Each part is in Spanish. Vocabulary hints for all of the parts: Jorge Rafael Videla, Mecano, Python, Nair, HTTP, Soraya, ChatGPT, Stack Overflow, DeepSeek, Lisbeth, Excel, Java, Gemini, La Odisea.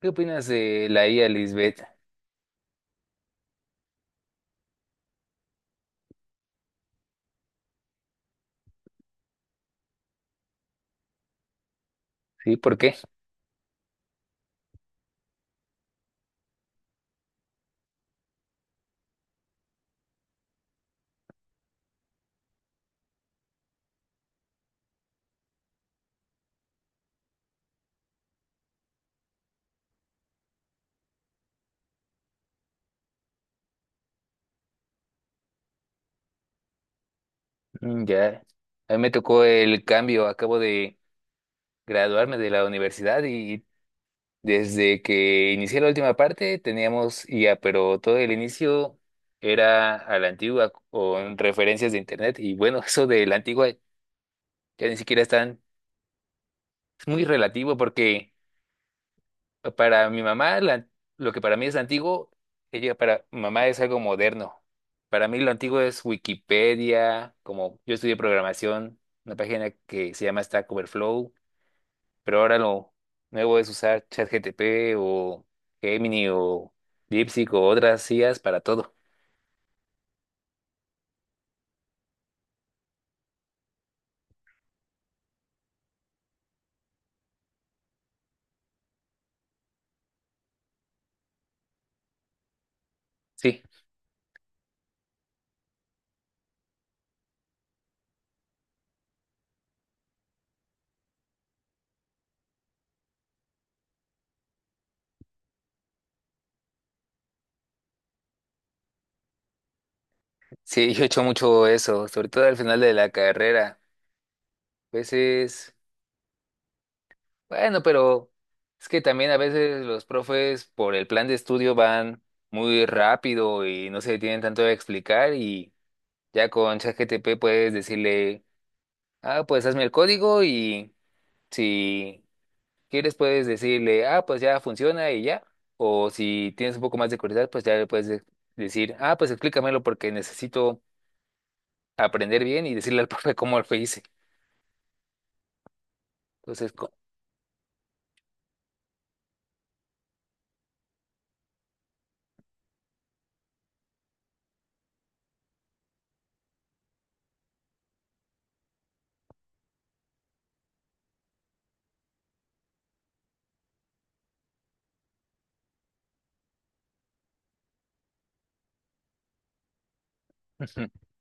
¿Qué opinas de la IA, Lisbeth? ¿Sí? ¿Por qué? Mm, ya, a mí me tocó el cambio, acabo de graduarme de la universidad y desde que inicié la última parte teníamos IA, pero todo el inicio era a la antigua con referencias de internet y bueno, eso de la antigua ya ni siquiera están, es muy relativo porque para mi mamá, lo que para mí es antiguo, ella para mi mamá es algo moderno. Para mí lo antiguo es Wikipedia, como yo estudié programación, una página que se llama Stack Overflow, pero ahora lo nuevo es usar ChatGTP o Gemini o DeepSeek o otras IAs para todo. Sí, sí, yo he hecho mucho eso, sobre todo al final de la carrera. A veces. Bueno, pero es que también a veces los profes por el plan de estudio van muy rápido y no se detienen tanto a explicar y ya con ChatGPT puedes decirle, ah, pues hazme el código y si quieres puedes decirle, ah, pues ya funciona y ya. O si tienes un poco más de curiosidad, pues ya le puedes decir, ah, pues explícamelo porque necesito aprender bien y decirle al profe cómo lo hice. Entonces.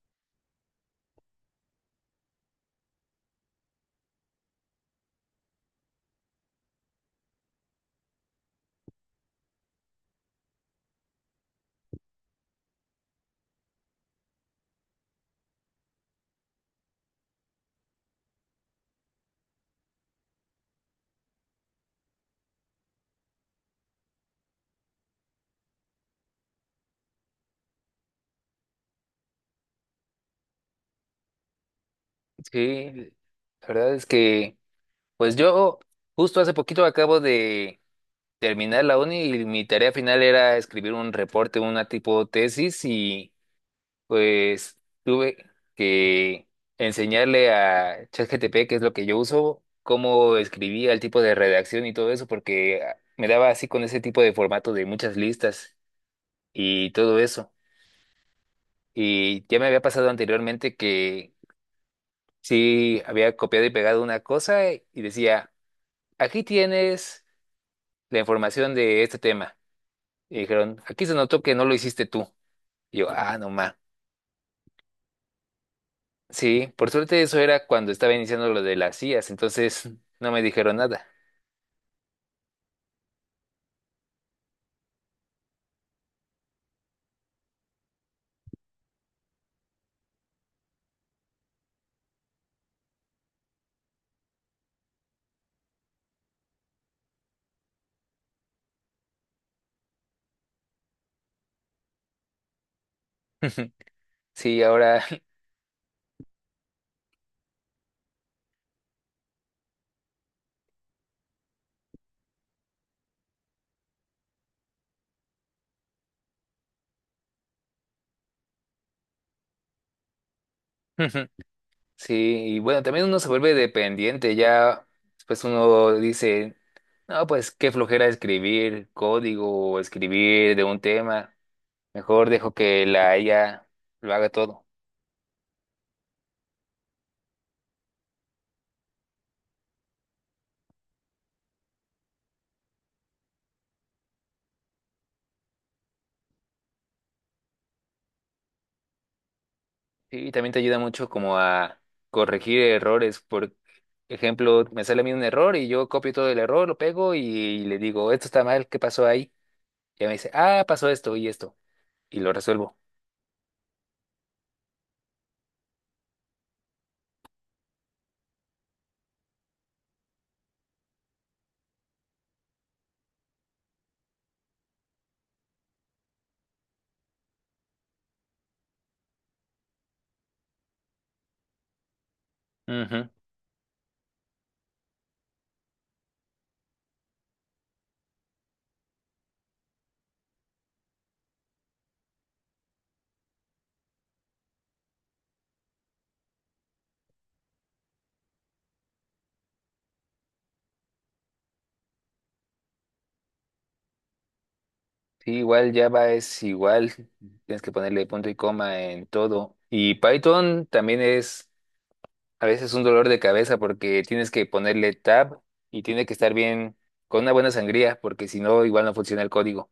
Sí, la verdad es que... Pues yo justo hace poquito acabo de terminar la uni y mi tarea final era escribir un reporte, una tipo tesis y pues tuve que enseñarle a ChatGPT, que es lo que yo uso, cómo escribía el tipo de redacción y todo eso, porque me daba así con ese tipo de formato de muchas listas y todo eso. Y ya me había pasado anteriormente que sí había copiado y pegado una cosa y decía, aquí tienes, la información de este tema. Y dijeron, aquí se notó que no lo hiciste tú. Y yo, ah, no ma. Sí, por suerte eso era cuando estaba iniciando lo de las IAs, entonces no me dijeron nada. Sí, ahora, sí, y bueno, también uno se vuelve dependiente, ya pues uno dice, no, pues qué flojera escribir código o escribir de un tema, mejor dejo que la IA lo haga todo. Sí, y también te ayuda mucho como a corregir errores. Por ejemplo, me sale a mí un error y yo copio todo el error, lo pego y le digo, esto está mal, ¿qué pasó ahí? Y ella me dice, ah, pasó esto y esto. Y lo resuelvo. Ujú. Sí, igual Java es igual. Tienes que ponerle punto y coma en todo. Y Python también es a veces un dolor de cabeza porque tienes que ponerle tab y tiene que estar bien con una buena sangría porque si no, igual no funciona el código.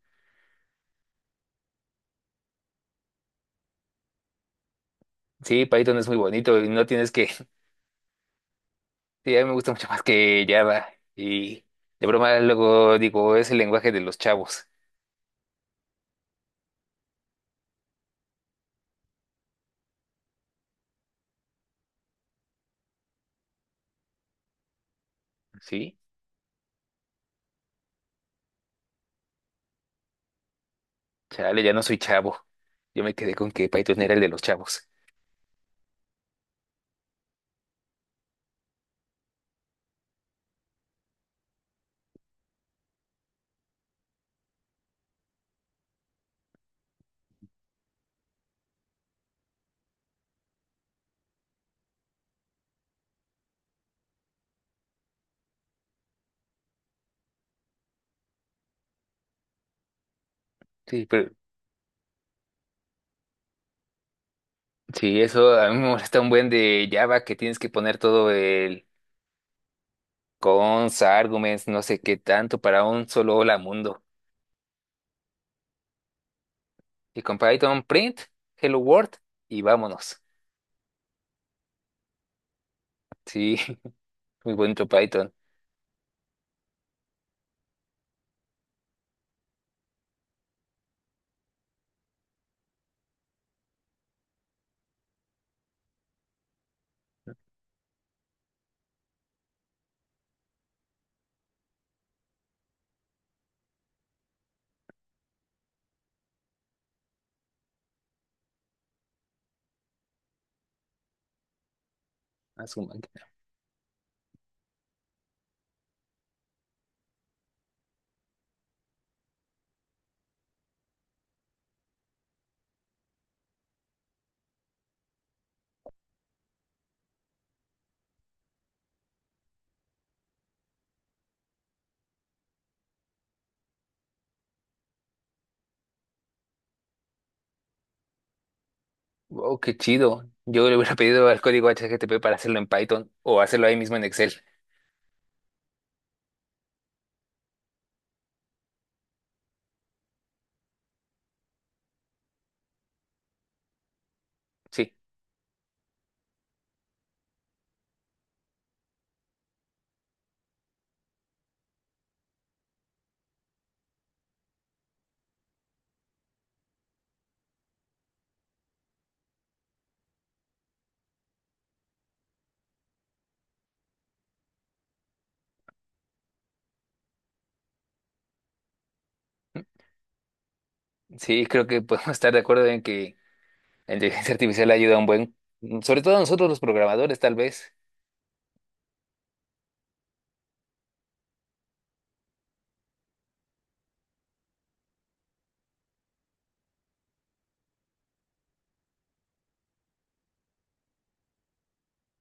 Sí, Python es muy bonito y no tienes que. Sí, a mí me gusta mucho más que Java. Y de broma luego digo, es el lenguaje de los chavos. Sí, chale, ya no soy chavo. Yo me quedé con que Python era el de los chavos. Sí, pero sí, eso a mí me molesta un buen de Java que tienes que poner todo el cons, arguments, no sé qué tanto para un solo hola mundo. Y con Python print, hello world y vámonos. Sí, muy bonito Python. Wow, qué chido. Yo le hubiera pedido al código HTTP para hacerlo en Python o hacerlo ahí mismo en Excel. Sí, sí, creo que podemos estar de acuerdo en que la inteligencia artificial ayuda un buen, sobre todo a nosotros los programadores, tal vez.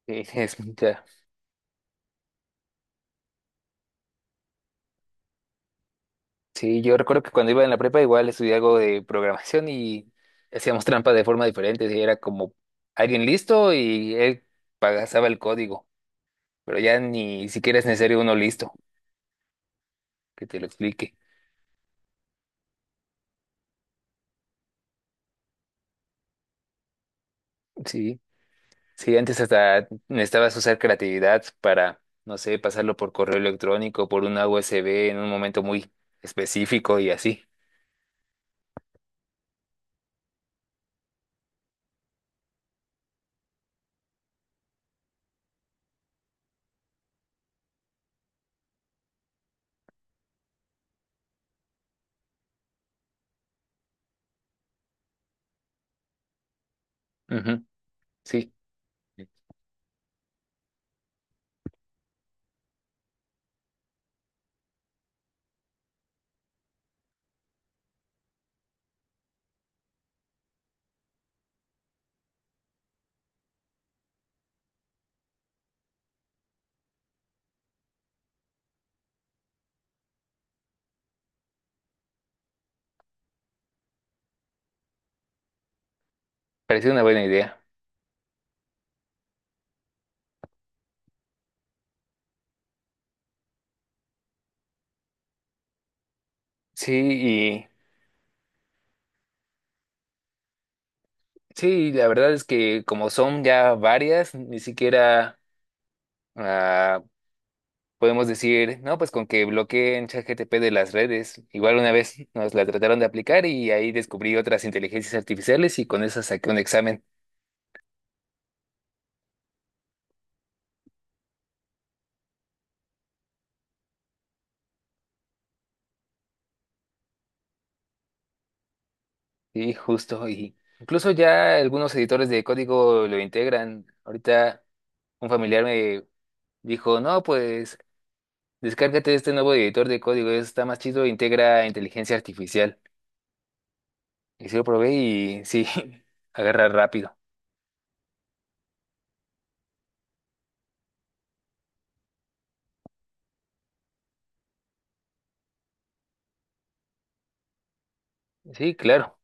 Sí, ya. Sí, yo recuerdo que cuando iba en la prepa igual estudié algo de programación y hacíamos trampa de forma diferente. Sí, era como alguien listo y él pasaba el código, pero ya ni siquiera es necesario uno listo que te lo explique. Sí. Sí, antes hasta necesitabas usar creatividad para, no sé, pasarlo por correo electrónico, por una USB en un momento muy específico y así. Ujú, sí, parecía una buena idea. Sí, y sí, la verdad es que como son ya varias, ni siquiera ah, podemos decir, no, pues con que bloqueen ChatGPT de las redes. Igual una vez nos la trataron de aplicar y ahí descubrí otras inteligencias artificiales y con esas saqué un examen. Sí, justo. Y incluso ya algunos editores de código lo integran. Ahorita un familiar me dijo, no, pues descárgate este nuevo editor de código, está más chido, integra inteligencia artificial. Y sí lo probé y sí, agarra rápido. Sí, claro.